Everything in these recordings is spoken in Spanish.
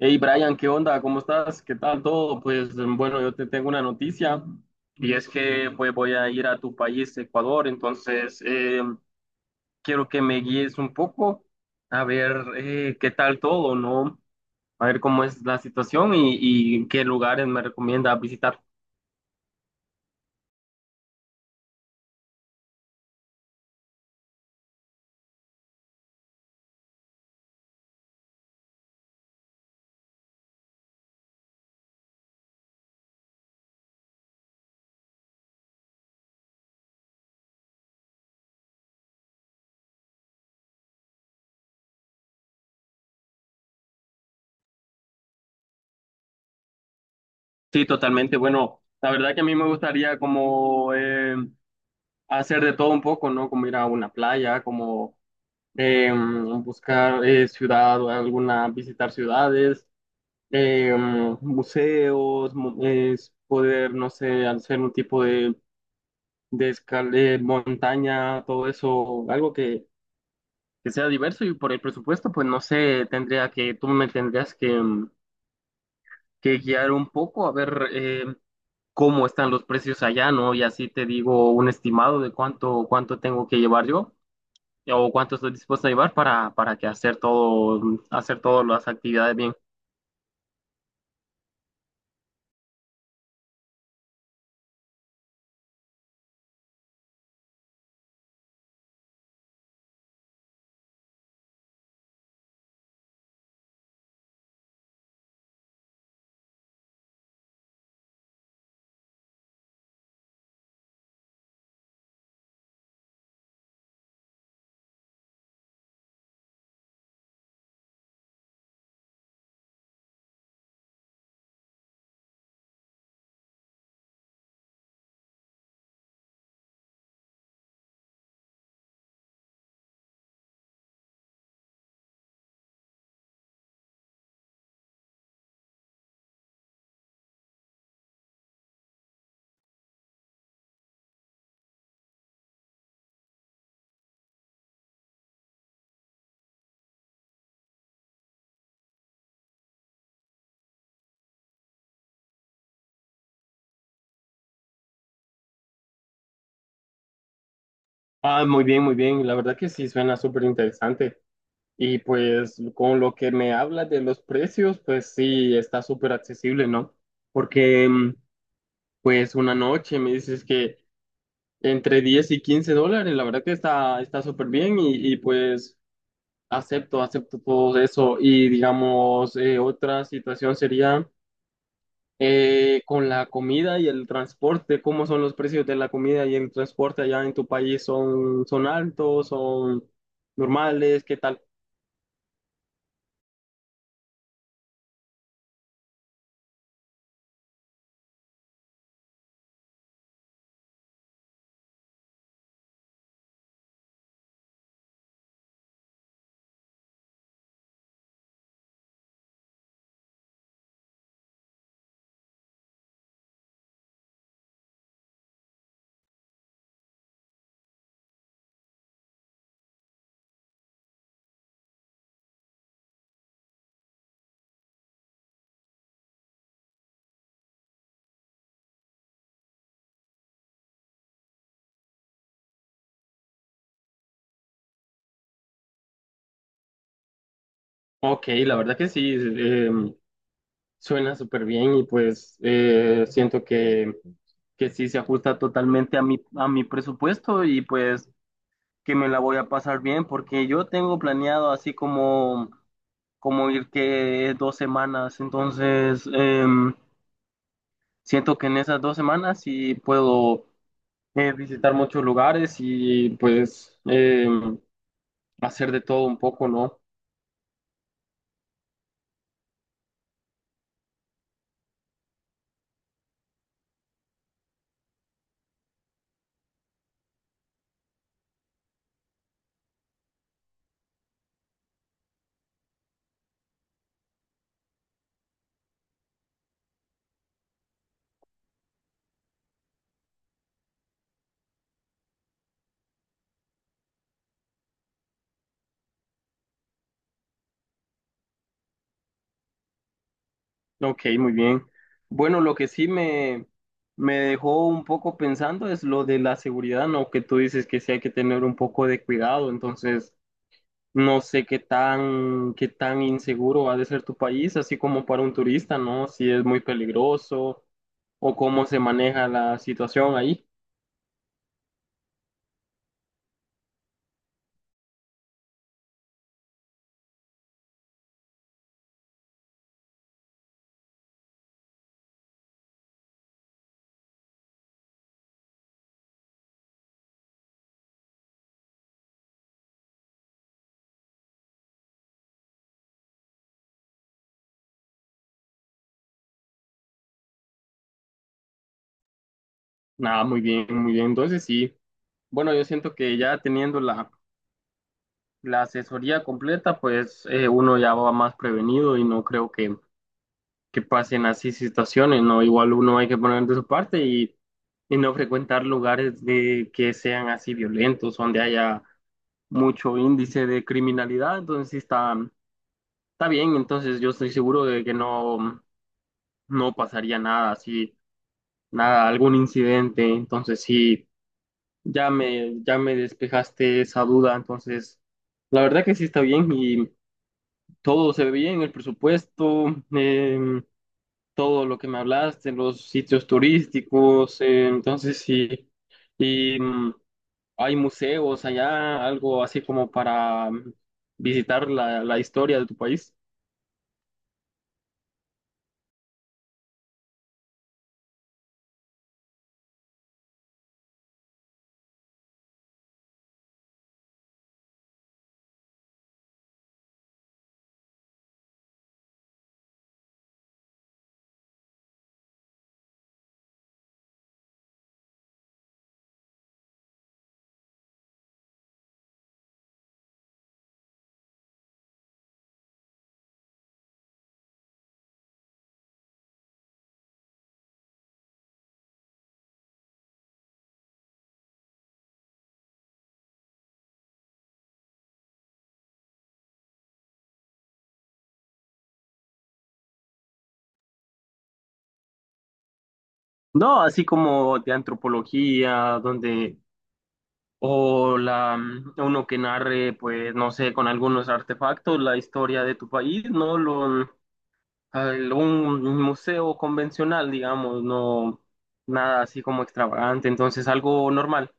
Hey Brian, ¿qué onda? ¿Cómo estás? ¿Qué tal todo? Pues bueno, yo te tengo una noticia y es que pues voy a ir a tu país, Ecuador, entonces quiero que me guíes un poco a ver qué tal todo, ¿no? A ver cómo es la situación y qué lugares me recomiendas visitar. Sí, totalmente. Bueno, la verdad que a mí me gustaría como hacer de todo un poco, ¿no? Como ir a una playa, como buscar ciudad o alguna, visitar ciudades, museos, es poder, no sé, hacer un tipo de escalera, montaña, todo eso, algo que sea diverso y por el presupuesto, pues no sé, tendría que, tú me tendrías que, que guiar un poco a ver cómo están los precios allá, ¿no? Y así te digo un estimado de cuánto, cuánto tengo que llevar yo o cuánto estoy dispuesto a llevar para que hacer todo, hacer todas las actividades bien. Ah, muy bien, muy bien. La verdad que sí suena súper interesante. Y pues con lo que me hablas de los precios, pues sí, está súper accesible, ¿no? Porque pues una noche me dices que entre 10 y $15, la verdad que está súper bien y pues acepto, acepto todo eso. Y digamos, otra situación sería con la comida y el transporte, ¿cómo son los precios de la comida y el transporte allá en tu país? ¿Son, son altos? ¿Son normales? ¿Qué tal? Ok, la verdad que sí, suena súper bien y pues siento que sí se ajusta totalmente a mi presupuesto y pues que me la voy a pasar bien porque yo tengo planeado así como, como ir que 2 semanas, entonces siento que en esas 2 semanas sí puedo visitar muchos lugares y pues hacer de todo un poco, ¿no? Ok, muy bien. Bueno, lo que sí me dejó un poco pensando es lo de la seguridad, ¿no? Que tú dices que sí hay que tener un poco de cuidado, entonces no sé qué tan inseguro ha de ser tu país, así como para un turista, ¿no? Si es muy peligroso o cómo se maneja la situación ahí. Nada, muy bien, muy bien. Entonces sí, bueno, yo siento que ya teniendo la, la asesoría completa, pues uno ya va más prevenido y no creo que pasen así situaciones, ¿no? Igual uno hay que poner de su parte y no frecuentar lugares de, que sean así violentos, donde haya mucho índice de criminalidad, entonces sí está, está bien, entonces yo estoy seguro de que no, no pasaría nada así, nada, algún incidente, entonces sí, ya me despejaste esa duda, entonces la verdad que sí está bien y todo se ve bien, el presupuesto. em, Todo lo que me hablaste, los sitios turísticos, entonces sí, y hay museos allá, algo así como para visitar la, la historia de tu país. No, así como de antropología, donde, o la, uno que narre, pues, no sé, con algunos artefactos, la historia de tu país, no lo, un museo convencional, digamos, no, nada así como extravagante, entonces algo normal.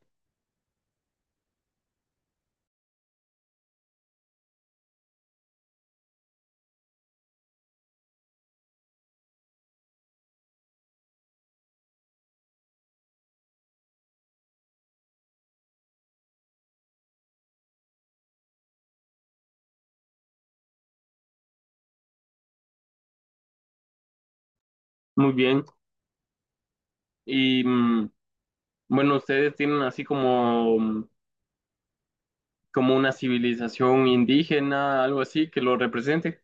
Muy bien. Y bueno, ustedes tienen así como, como una civilización indígena, algo así, que lo represente.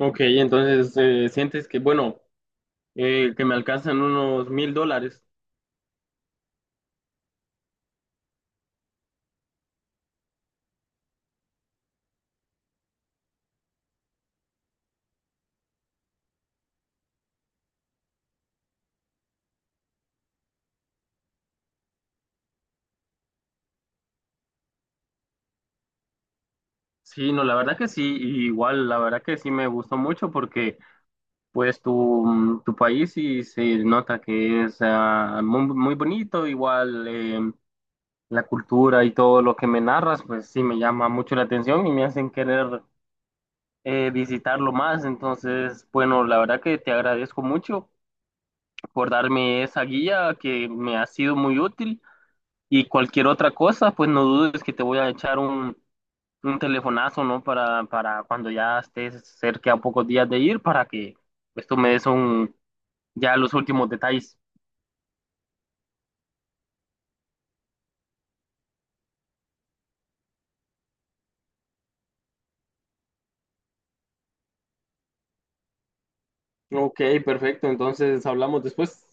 Ok, entonces sientes que, bueno, que me alcanzan unos $1000. Sí, no, la verdad que sí, y igual, la verdad que sí me gustó mucho porque pues tu, tu país sí se nota que es ah, muy, muy bonito, igual la cultura y todo lo que me narras, pues sí me llama mucho la atención y me hacen querer visitarlo más. Entonces, bueno, la verdad que te agradezco mucho por darme esa guía que me ha sido muy útil y cualquier otra cosa, pues no dudes que te voy a echar un telefonazo, ¿no? Para cuando ya estés cerca a pocos días de ir, para que pues, tú me des un, ya los últimos detalles. Ok, perfecto. Entonces hablamos después.